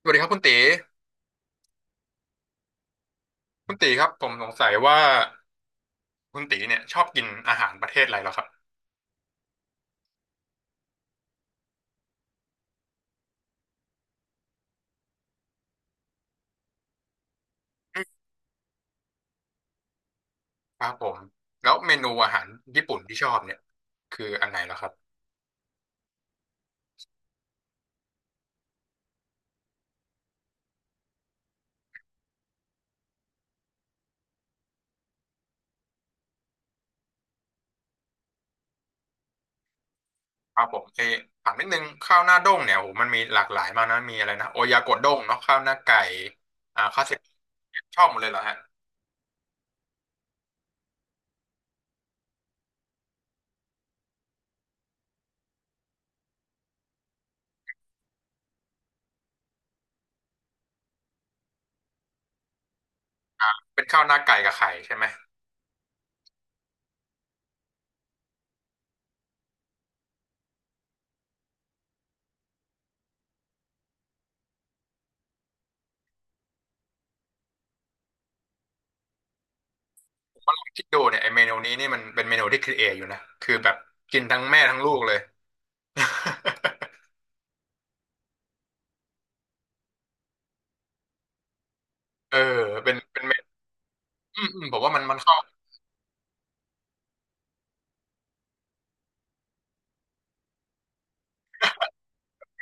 สวัสดีครับคุณตีคุณตีครับผมสงสัยว่าคุณตีเนี่ยชอบกินอาหารประเทศอะไรเหรอครับครับผมแล้วเมนูอาหารญี่ปุ่นที่ชอบเนี่ยคืออันไหนเหรอครับครับผมเออถามนิดนึงข้าวหน้าด้งเนี่ยโอ้โหมันมีหลากหลายมากนะมีอะไรนะโอยากโดด้งเนาะข้าวหน้าไก่ข้าวเสร็จชอบหมดเลยเหรอฮะเป็นข้าวหน้าไก่กับไข่ใช่ไหมคิดดูเนี่ยไอเมนูนี้นี่มันเป็นเมนูที่ครีเอทอยู่นะคือแบบกินทั้งแม่ทั้งลูกเลย เออเป็นเมนูอืมอืมผมว่ามันเข้า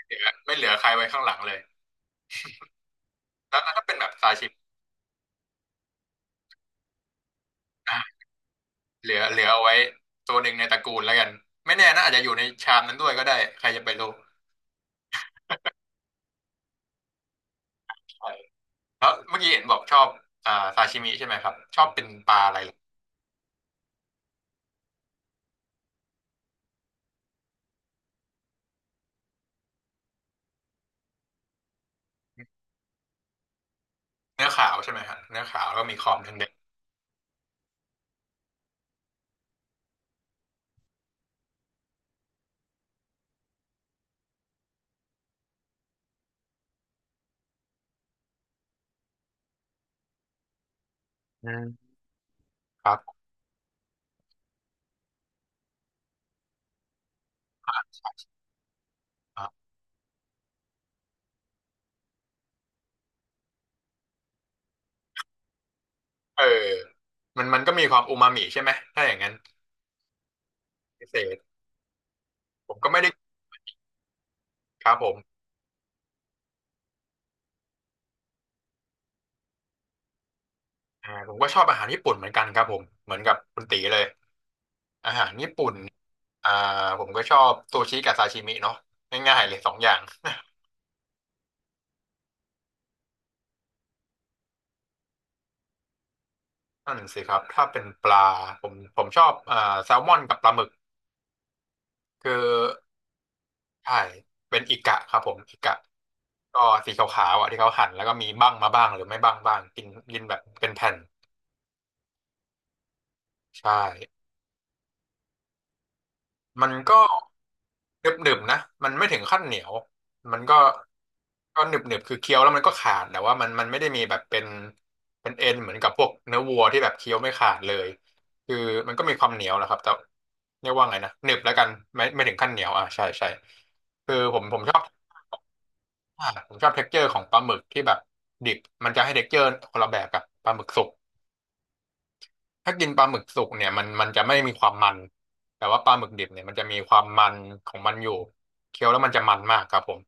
เหลือไม่เหลือใครไว้ข้างหลังเลยแล้วถ้าเป็นแบบซาชิมิอ่ะเหลือเอาไว้ตัวหนึ่งในตระกูลแล้วกัน ไม่แน่นะอาจจะอยู่ในชามนั้นด้วยก็ได้ใครจะไปรู้ใช่แล้วเมื่อกี้เห็นบอกชอบซาชิมิใช่ไหมครับ ชอบเป็นปลาอะไรเหรอเนื้อขาวใช่ไหมฮะเนื้อขาวแล้วก็มีขอบแดงๆอืมๆครับอ่าเออมันก็มีความอูมามิใช่ไหม ถ้าอย่างนั้นพิเศษผมก็ไม่ได้ครับผมผมก็ชอบอาหารญี่ปุ่นเหมือนกันครับผมเหมือนกับคุณตีเลย อาหารญี่ปุ่นอ่าผมก็ชอบซูชิกับซาชิมิเนาะง่ายๆเลยสองอย่าง นั่นสิครับถ้าเป็นปลาผมชอบแซลมอนกับปลาหมึกคือใช่เป็นอิกะครับผมอิกะก็สีขาวๆอ่ะที่เขาหั่นแล้วก็มีบ้างมาบ้างหรือไม่บ้างบ้างกินกินแบบเป็นแผ่นใช่ มันก็หนึบๆนะมันไม่ถึงขั้นเหนียวมันก็ก็หนึบๆคือเคี้ยวแล้วมันก็ขาดแต่ว่ามันมันไม่ได้มีแบบเป็นเอ็นเหมือนกับพวกเนื้อวัวที่แบบเคี้ยวไม่ขาดเลยคือมันก็มีความเหนียวแหละครับแต่เรียกว่าไงนะหนึบแล้วกันไม่ถึงขั้นเหนียวอ่ะใช่ใช่คือผมชอบผมชอบเท็กเจอร์ของปลาหมึกที่แบบดิบมันจะให้เท็กเจอร์คนละแบบกับปลาหมึกสุก ถ้ากินปลาหมึกสุกเนี่ยมันจะไม่มีความมันแต่ว่าปลาหมึกดิบเนี่ยมันจะมีความมันของมันอยู่เคี้ยวแล้วมันจะมันมากครับผม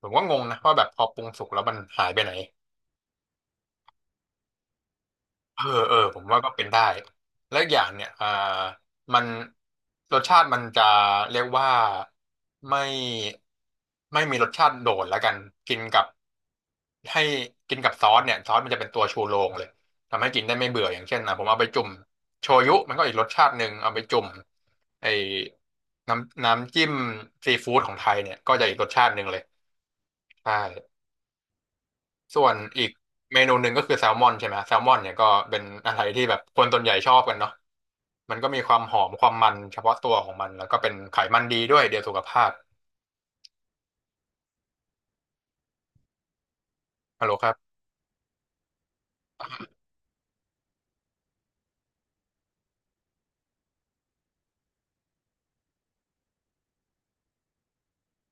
ผมก็งงนะว่าแบบพอปรุงสุกแล้วมันหายไปไหน เออเออผมว่าก็เป็นได้แล้วอกอย่างเนี่ยมันรสชาติมันจะเรียกว่าไม่ไม่มีรสชาติโดดแล้วกันกินกับให้กินกับซอสเนี่ยซอสมันจะเป็นตัวชูโรงเลยทำให้กินได้ไม่เบื่ออย่างเช่นนะผมเอาไปจุ่มโชยุมันก็อีกรสชาติหนึ่งเอาไปจุ่มไอ้น้ำจิ้มซีฟู้ดของไทยเนี่ยก็จะอีกรสชาติหนึ่งเลยใช่ ส่วนอีกเมนูหนึ่งก็คือแซลมอนใช่ไหมแซลมอนเนี่ยก็เป็นอะไรที่แบบคนส่วนใหญ่ชอบกันเนาะมันก็มีความหอมความมันเฉพาะตัวของมันแล้วก็เป็นไขมันดีด้วยเดียวสุขภาพฮัลโหลครับ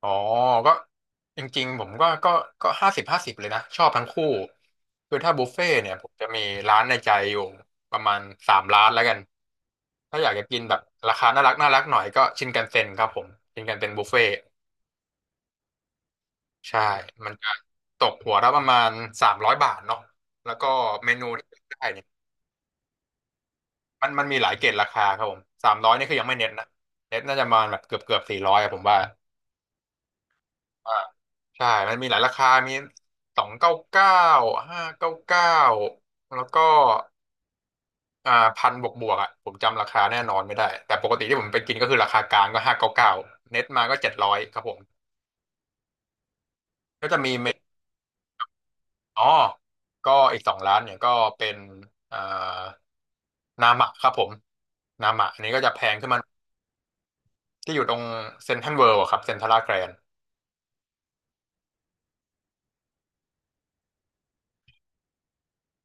อ๋อก็จริงๆผมก็ก็50/50เลยนะชอบทั้งคู่คือถ้าบุฟเฟ่ต์เนี่ยผมจะมีร้านในใจอยู่ประมาณสามร้านแล้วกันถ้าอยากจะกินแบบราคาน่ารักน่ารักหน่อยก็ชินคันเซ็นครับผมชินคันเซ็นบุฟเฟ่ต์ ใช่มันจะตกหัวละประมาณ300 บาทเนาะแล้วก็เมนูที่ได้เนี่ยมันมีหลายเกรดราคาครับผมสามร้อยนี่คือยังไม่เน้นนะเน้นน่าจะประมาณแบบเกือบ400ผมว่าว่าใช่มันมีหลายราคามี299ห้าเก้าเก้าแล้วก็อ่าพันบวกอ่ะผมจำราคาแน่นอนไม่ได้แต่ปกติที่ผมไปกินก็คือราคากลางก็ห้าเก้าเก้าเน็ตมาก็700ครับผมก็จะมีเม อ๋อก็อีกสองร้านเนี่ยก็เป็นเอ่อนามะครับผมนามะอันนี้ก็จะแพงขึ้นมาที่อยู่ตรงเซ็นทรัลเวิลด์ะครับเซ็นทรัลลาดแกรน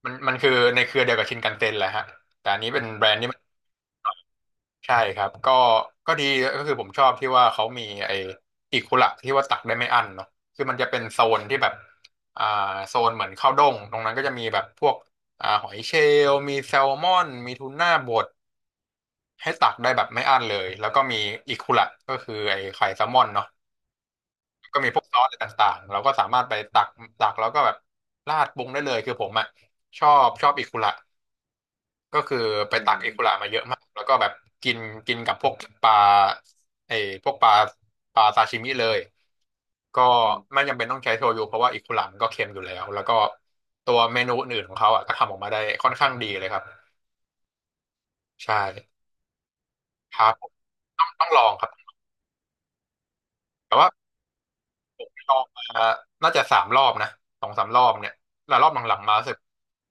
มันคือในเครือเดียวกับชินคันเซ็นแหละฮะแต่อันนี้เป็นแบรนด์ที่มันใช่ครับก็ก็ดีก็คือผมชอบที่ว่าเขามีไอ้อิคุระที่ว่าตักได้ไม่อั้นเนาะคือมันจะเป็นโซนที่แบบอ่าโซนเหมือนข้าวด้งตรงนั้นก็จะมีแบบพวกหอยเชลล์มีแซลมอนมีทูน่าบด ให้ตักได้แบบไม่อั้นเลยแล้วก็มีอิคุระก็คือไอ้ไข่แซลมอนเนาะก็มีพวกซอสอะไรต่างๆเราก็สามารถไปตักแล้วก็แบบราดปรุงได้เลยคือผมอ่ะชอบอิคุระก็คือไปตักอิคุระมาเยอะมากแล้วก็แบบกินกินกับพวกปลาไอ้พวกปลาซาชิมิเลยก็ไม่จำเป็นต้องใช้โชยุเพราะว่าอิคุระมันก็เค็มอยู่แล้วแล้วก็ตัวเมนูอื่นๆของเขาอ่ะก็ทำออกมาได้ค่อนข้างดีเลยครับใช่ครับผมต้องลองครับแต่ว่า ลองมาน่าจะ3 รอบนะ2-3 รอบเนี่ยแล้วรอบหลังๆมารู้สึก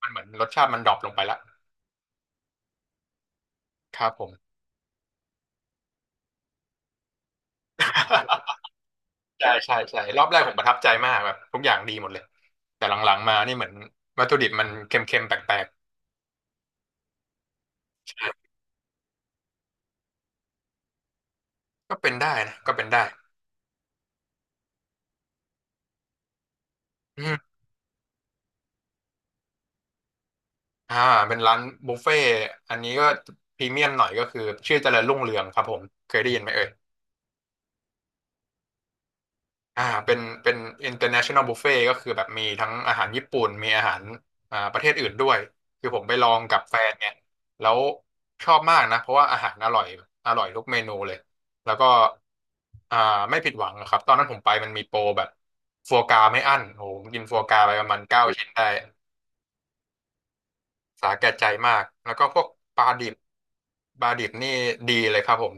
มันเหมือนรสชาติมันดรอปลงไปละครับผม ใช่ใช่ใช่รอบแรกผมประทับใจมากแบบทุกอย่างดีหมดเลย แต่หลังๆมานี่เหมือนวัตถุดิบมันเค็มๆแปลกๆก็เป็นได้นะก็เป็นได้อืมอ่าเป็นร้านบุฟเฟ่ต์อันนี้ก็พรีเมียมหน่อยก็คือชื่อเจริญรุ่งเรืองครับผมเคยได้ยินไหมเอ่ย เป็น international buffet ก็คือแบบมีทั้งอาหารญี่ปุ่นมีอาหารประเทศอื่นด้วยคือผมไปลองกับแฟนเนี่ยแล้วชอบมากนะเพราะว่าอาหารอร่อยอร่อยทุกเมนูเลยแล้วก็อ่าไม่ผิดหวังนะครับตอนนั้นผมไปมันมีโปรแบบฟัวกราไม่อั้นโอ้โหผมกินฟัวกราไปประมาณ9 ชิ้นได้ สาแก่ใจมากแล้วก็พวกปลาดิบปลาดิบนี่ดีเลยครับผม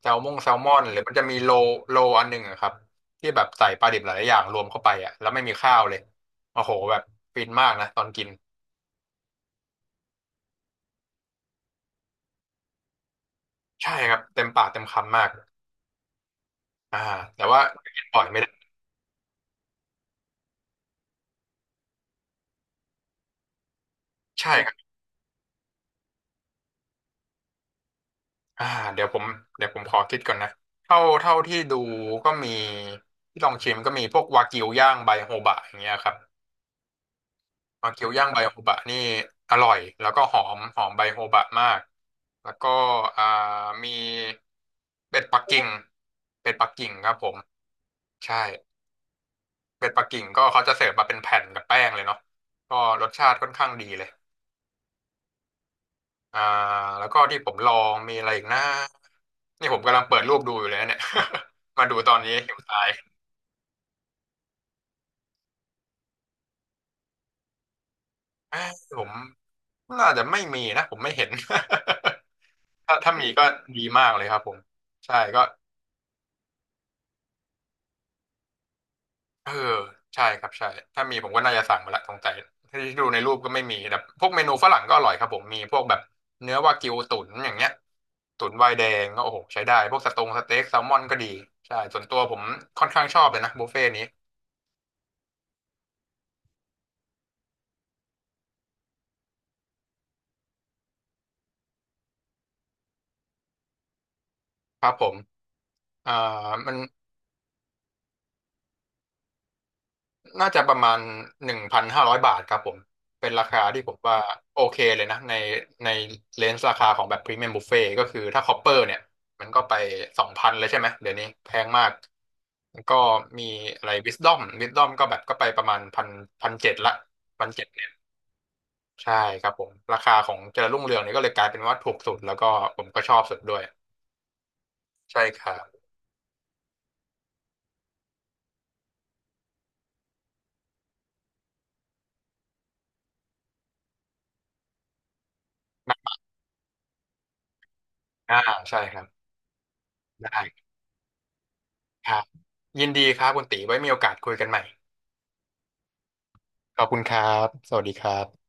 แซลมอนหรือมันจะมีโลอันหนึ่งอะครับที่แบบใส่ปลาดิบหลายๆอย่างรวมเข้าไปอะแล้วไม่มีข้าวเลยโอ้โหแบบฟินมากนะตอนกินใช่ครับเต็มปากเต็มคำมากอ่าแต่ว่ากินบ่อยไม่ได้ใช่ครับอ่าเดี๋ยวผมเดี๋ยวผมขอคิดก่อนนะเท่าที่ดูก็มีที่ลองชิมก็มีพวกวากิวย่างใบโฮบะอย่างเงี้ยครับ วากิวย่างใบโฮบะนี่อร่อยแล้วก็หอมหอมใบโฮบะมากแล้วก็อ่ามีเป็ดปักกิ่งเป็ดปักกิ่งครับผมใช่เป็ดปักกิ่งก็เขาจะเสิร์ฟมาเป็นแผ่นกับแป้งเลยเนาะก็รสชาติค่อนข้างดีเลยอ่าแล้วก็ที่ผมลองมีอะไรอีกนะนี่ผมกำลังเปิดรูปดูอยู่เลยนะเนี่ย มาดูตอนนี้หิวตายเอ้ยผมน่าจะไม่มีนะผมไม่เห็น ถ้ามีก็ดีมากเลยครับผมใช่ก็ เออใช่ครับใช่ถ้ามีผมก็น่าจะสั่งมาละสงสัยที่ดูในรูปก็ไม่มีแต่พวกเมนูฝรั่งก็อร่อยครับผมมีพวกแบบเนื้อวากิวตุ๋นอย่างเงี้ยตุ๋นไวน์แดงก็โอ้โหใช้ได้พวกสตงสเต็กแซลมอนก็ดีใช่ส่วนตัวผมค่อนข้างชอบเลยนะบุฟเฟ่ต์นี้ครับผมอ่ามัน น่าจะประมาณ1,500 บาทครับผมเป็นราคาที่ผมว่าโอเคเลยนะในในเลนส์ราคาของแบบพรีเมียมบุฟเฟ่ก็คือถ้าคอปเปอร์เนี่ยมันก็ไป2,000เลยใช่ไหมเดี๋ยวนี้แพงมากแล้วก็มีอะไรวิสดอมก็แบบก็ไปประมาณพันเจ็ดละพันเจ็ดเนี่ยใช่ครับผมราคาของเจริญรุ่งเรืองเนี่ยก็เลยกลายเป็นว่าถูกสุดแล้วก็ผมก็ชอบสุดด้วยใช่ครับอ่าใช่ครับได้ครับยินดีครับคุณตีไว้มีโอกาสคุยกันใหม่ ขอบคุณครับ สวัสดีครับ